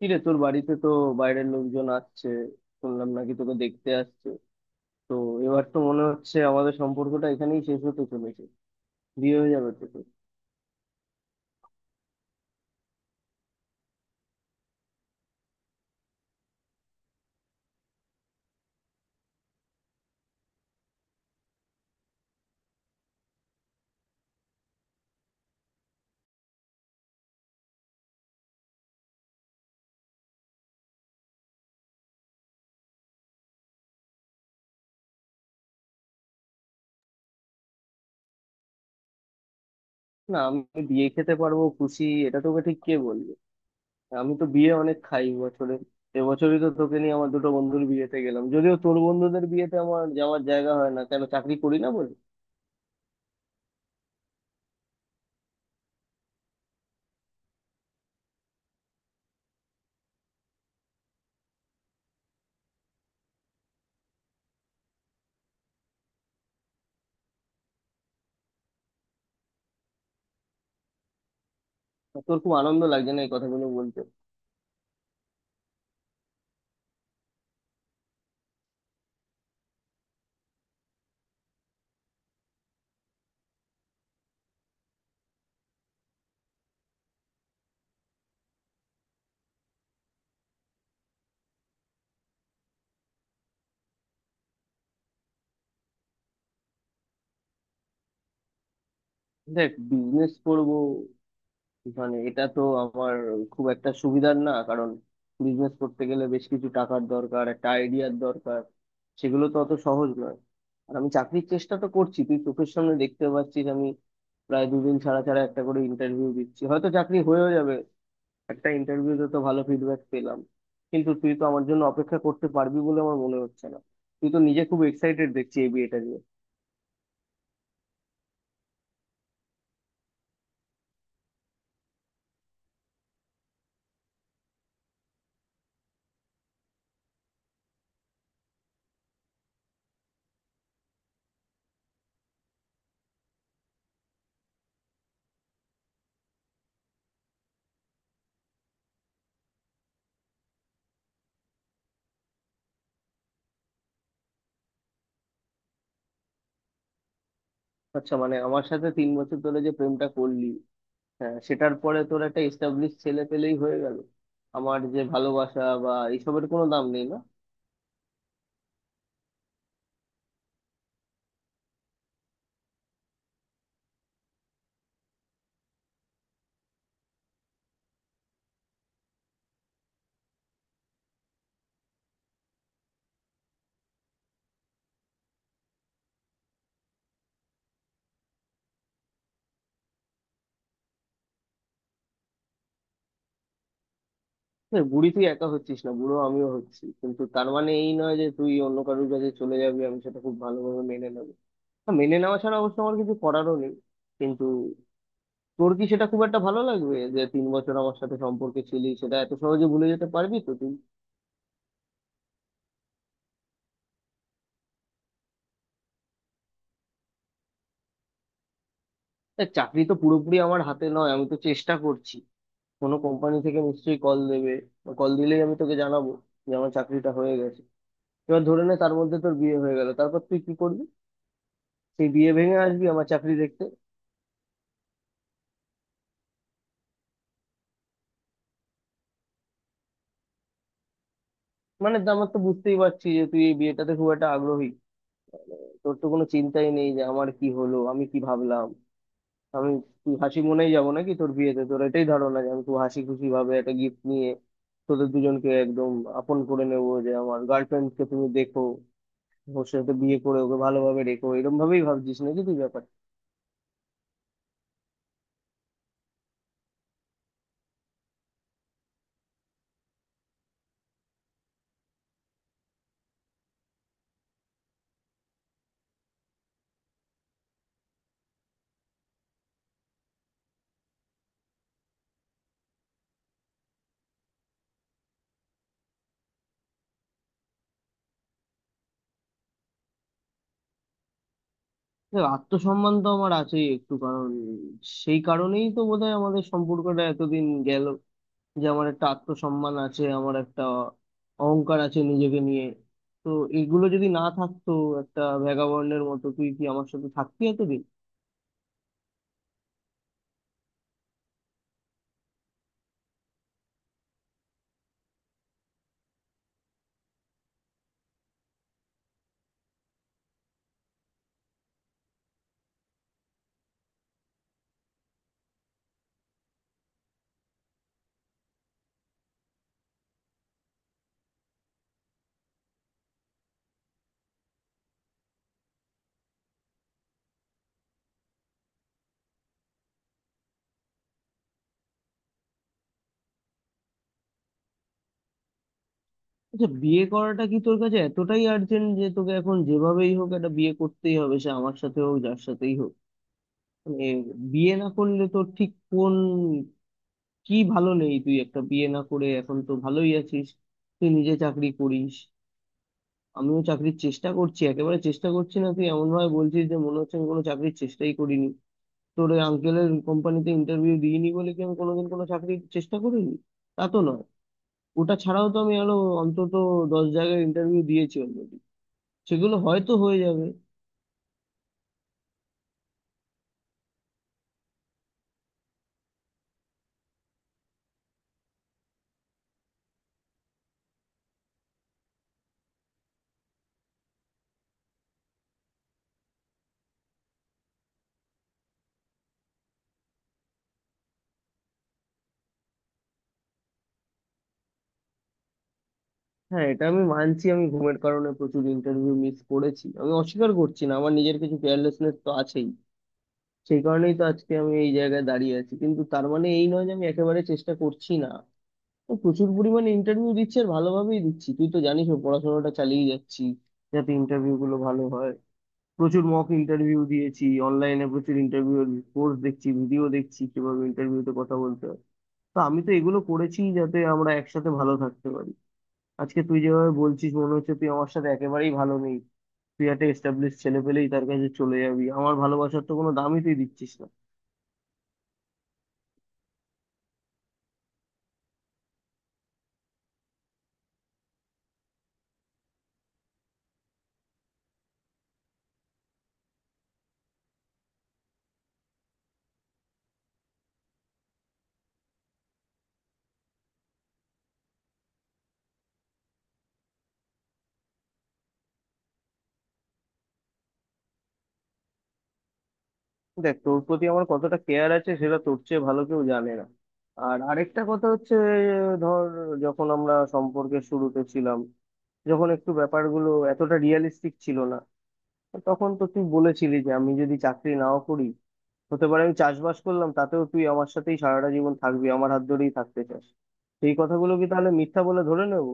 কিরে, তোর বাড়িতে তো বাইরের লোকজন আসছে। শুনলাম নাকি তোকে দেখতে আসছে? তো এবার তো মনে হচ্ছে আমাদের সম্পর্কটা এখানেই শেষ হতে চলেছে। বিয়ে হয়ে যাবে তো তোর। না, আমি বিয়ে খেতে পারবো খুশি, এটা তোকে ঠিক কে বলবে? আমি তো বিয়ে অনেক খাই বছরে। এবছরই তো তোকে নিয়ে আমার 2 বন্ধুর বিয়েতে গেলাম, যদিও তোর বন্ধুদের বিয়েতে আমার যাওয়ার জায়গা হয় না, কেন? চাকরি করি না বলে। তোর খুব আনন্দ লাগছে না এই কথাগুলো বলতে? দেখ, বিজনেস করবো, মানে এটা তো আমার খুব একটা সুবিধার না, কারণ বিজনেস করতে গেলে বেশ কিছু টাকার দরকার, একটা আইডিয়ার দরকার। সেগুলো তো অত সহজ নয়। আর আমি চাকরির চেষ্টা তো করছি, তুই চোখের সামনে দেখতে পাচ্ছিস। আমি প্রায় দুদিন ছাড়া ছাড়া একটা করে ইন্টারভিউ দিচ্ছি, হয়তো চাকরি হয়েও যাবে। একটা ইন্টারভিউতে তো ভালো ফিডব্যাক পেলাম। কিন্তু তুই তো আমার জন্য অপেক্ষা করতে পারবি বলে আমার মনে হচ্ছে না। তুই তো নিজে খুব এক্সাইটেড দেখছি এই বিয়েটা নিয়ে। আচ্ছা, মানে আমার সাথে 3 বছর ধরে যে প্রেমটা করলি, হ্যাঁ, সেটার পরে তোর একটা এস্টাবলিশ ছেলে পেলেই হয়ে গেল? আমার যে ভালোবাসা বা এইসবের কোনো দাম নেই, না? দেখ, বুড়ি তুই একা হচ্ছিস না, বুড়ো আমিও হচ্ছি, কিন্তু তার মানে এই নয় যে তুই অন্য কারোর কাছে চলে যাবি আমি সেটা খুব ভালোভাবে মেনে নেবো। হ্যাঁ, মেনে নেওয়া ছাড়া অবশ্য আমার কিছু করারও নেই। কিন্তু তোর কি সেটা খুব একটা ভালো লাগবে যে 3 বছর আমার সাথে সম্পর্কে ছিলি, সেটা এত সহজে ভুলে যেতে পারবি তো তুই? দেখ, চাকরি তো পুরোপুরি আমার হাতে নয়, আমি তো চেষ্টা করছি। কোনো কোম্পানি থেকে নিশ্চয়ই কল দেবে। কল দিলেই আমি তোকে জানাবো যে আমার চাকরিটা হয়ে গেছে। এবার ধরে নে তার মধ্যে তোর বিয়ে হয়ে গেল, তারপর তুই কি করবি? সেই বিয়ে ভেঙে আসবি আমার চাকরি দেখতে? মানে তো আমার তো বুঝতেই পারছি যে তুই এই বিয়েটাতে খুব একটা আগ্রহী। তোর তো কোনো চিন্তাই নেই যে আমার কি হলো, আমি কি ভাবলাম। আমি তুই হাসি মনেই যাবো নাকি তোর বিয়েতে? তোর এটাই ধারণা যে আমি খুব হাসি খুশি ভাবে একটা গিফট নিয়ে তোদের দুজনকে একদম আপন করে নেবো, যে আমার গার্লফ্রেন্ড কে, তুমি দেখো, ওর সাথে বিয়ে করে ওকে ভালোভাবে রেখো, এরকম ভাবেই ভাবছিস নাকি তুই ব্যাপার? দেখো, আত্মসম্মান তো আমার আছেই একটু, কারণ সেই কারণেই তো বোধহয় আমাদের সম্পর্কটা এতদিন গেল, যে আমার একটা আত্মসম্মান আছে, আমার একটা অহংকার আছে নিজেকে নিয়ে। তো এগুলো যদি না থাকতো, একটা ভ্যাগাবন্ডের মতো তুই কি আমার সাথে থাকতি এতদিন? আচ্ছা, বিয়ে করাটা কি তোর কাছে এতটাই আর্জেন্ট যে তোকে এখন যেভাবেই হোক একটা বিয়ে করতেই হবে, সে আমার সাথে হোক যার সাথেই হোক? মানে বিয়ে না করলে তোর ঠিক কোন কি ভালো নেই? তুই একটা বিয়ে না করে এখন তো ভালোই আছিস, তুই নিজে চাকরি করিস। আমিও চাকরির চেষ্টা করছি, একেবারে চেষ্টা করছি না তুই এমন ভাবে বলছিস যে মনে হচ্ছে আমি কোনো চাকরির চেষ্টাই করিনি। তোর ওই আঙ্কেলের কোম্পানিতে ইন্টারভিউ দিইনি বলে কি আমি কোনোদিন কোনো চাকরির চেষ্টা করিনি? তা তো নয়। ওটা ছাড়াও তো আমি আরো অন্তত 10 জায়গায় ইন্টারভিউ দিয়েছি অলরেডি। সেগুলো হয়তো হয়ে যাবে। হ্যাঁ, এটা আমি মানছি, আমি ঘুমের কারণে প্রচুর ইন্টারভিউ মিস করেছি, আমি অস্বীকার করছি না, আমার নিজের কিছু কেয়ারলেসনেস তো আছেই। সেই কারণেই তো আজকে আমি এই জায়গায় দাঁড়িয়ে আছি, কিন্তু তার মানে এই নয় যে আমি একেবারে চেষ্টা করছি না। আমি প্রচুর পরিমাণে ইন্টারভিউ দিচ্ছি আর ভালোভাবেই দিচ্ছি, তুই তো জানিস। ও পড়াশোনাটা চালিয়ে যাচ্ছি যাতে ইন্টারভিউ গুলো ভালো হয়। প্রচুর মক ইন্টারভিউ দিয়েছি অনলাইনে, প্রচুর ইন্টারভিউ কোর্স দেখছি, ভিডিও দেখছি কিভাবে ইন্টারভিউতে কথা বলতে হয়। তো আমি তো এগুলো করেছি যাতে আমরা একসাথে ভালো থাকতে পারি। আজকে তুই যেভাবে বলছিস মনে হচ্ছে তুই আমার সাথে একেবারেই ভালো নেই। তুই একটা এস্টাবলিশ ছেলে পেলেই তার কাছে চলে যাবি, আমার ভালোবাসার তো কোনো দামই তুই দিচ্ছিস না। দেখ, তোর প্রতি আমার কতটা কেয়ার আছে সেটা তোর চেয়ে ভালো কেউ জানে না। আর আরেকটা কথা হচ্ছে, ধর, যখন আমরা সম্পর্কের শুরুতে ছিলাম, যখন একটু ব্যাপারগুলো এতটা রিয়েলিস্টিক ছিল না, তখন তো তুই বলেছিলি যে আমি যদি চাকরি নাও করি, হতে পারে আমি চাষবাস করলাম, তাতেও তুই আমার সাথেই সারাটা জীবন থাকবি, আমার হাত ধরেই থাকতে চাস। সেই কথাগুলো কি তাহলে মিথ্যা বলে ধরে নেব?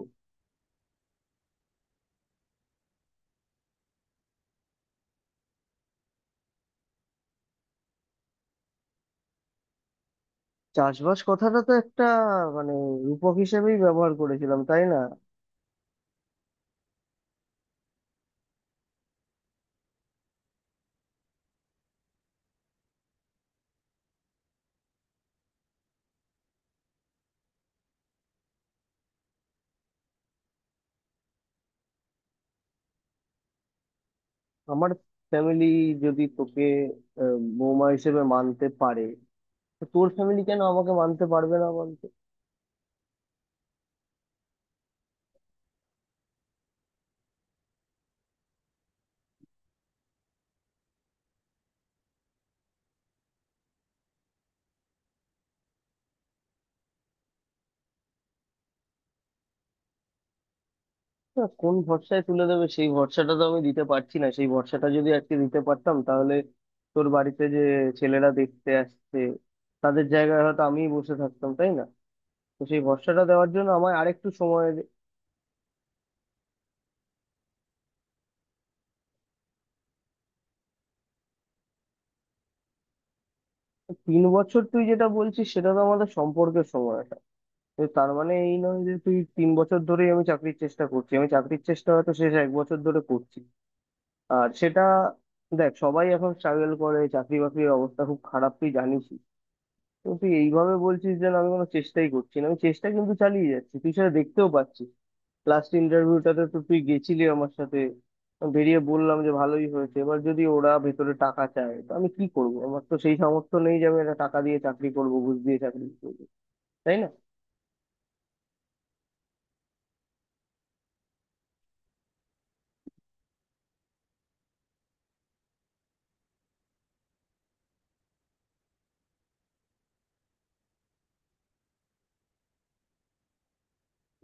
চাষবাস কথাটা তো একটা, মানে, রূপক হিসেবেই ব্যবহার করেছিলাম, তাই না? আমার ফ্যামিলি যদি তোকে বৌমা হিসেবে মানতে পারে, তো তোর ফ্যামিলি কেন আমাকে মানতে পারবে না বলতো? না, কোন ভরসায় তুলে দেবে সেই ভরসাটা তো আমি দিতে পারছি না। সেই ভরসাটা যদি আজকে দিতে পারতাম, তাহলে তোর বাড়িতে যে ছেলেরা দেখতে আসছে তাদের জায়গায় হয়তো আমিই বসে থাকতাম, তাই না? তো সেই ভরসাটা দেওয়ার জন্য আমায় আরেকটু সময় দে। 3 বছর তুই যেটা বলছিস সেটা তো আমাদের সম্পর্কের সময়টা, তো তার মানে এই নয় যে তুই 3 বছর ধরেই আমি চাকরির চেষ্টা করছি। আমি চাকরির চেষ্টা হয়তো শেষ 1 বছর ধরে করছি। আর সেটা দেখ, সবাই এখন স্ট্রাগল করে, চাকরি বাকরির অবস্থা খুব খারাপ, তুই জানিসই। কিন্তু তুই এইভাবে বলছিস যে না, আমি কোনো চেষ্টাই করছি না। আমি চেষ্টা কিন্তু চালিয়ে যাচ্ছি, তুই সেটা দেখতেও পাচ্ছিস। লাস্ট ইন্টারভিউটাতে তো তুই গেছিলি আমার সাথে। আমি বেরিয়ে বললাম যে ভালোই হয়েছে, এবার যদি ওরা ভেতরে টাকা চায় তো আমি কি করব? আমার তো সেই সামর্থ্য নেই যে আমি একটা টাকা দিয়ে চাকরি করব, ঘুষ দিয়ে চাকরি করবো, তাই না?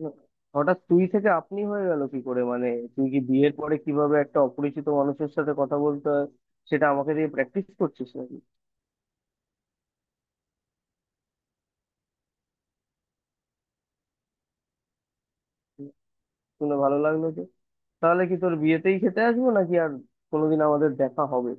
না, হঠাৎ তুই থেকে আপনি হয়ে গেল কি করে, মানে তুই কি বিয়ের পরে কিভাবে একটা অপরিচিত মানুষের সাথে কথা বলতে হয় সেটা আমাকে দিয়ে প্র্যাকটিস করছিস নাকি? শুনে ভালো লাগলো যে। তাহলে কি তোর বিয়েতেই খেতে আসবো নাকি আর কোনোদিন আমাদের দেখা হবে?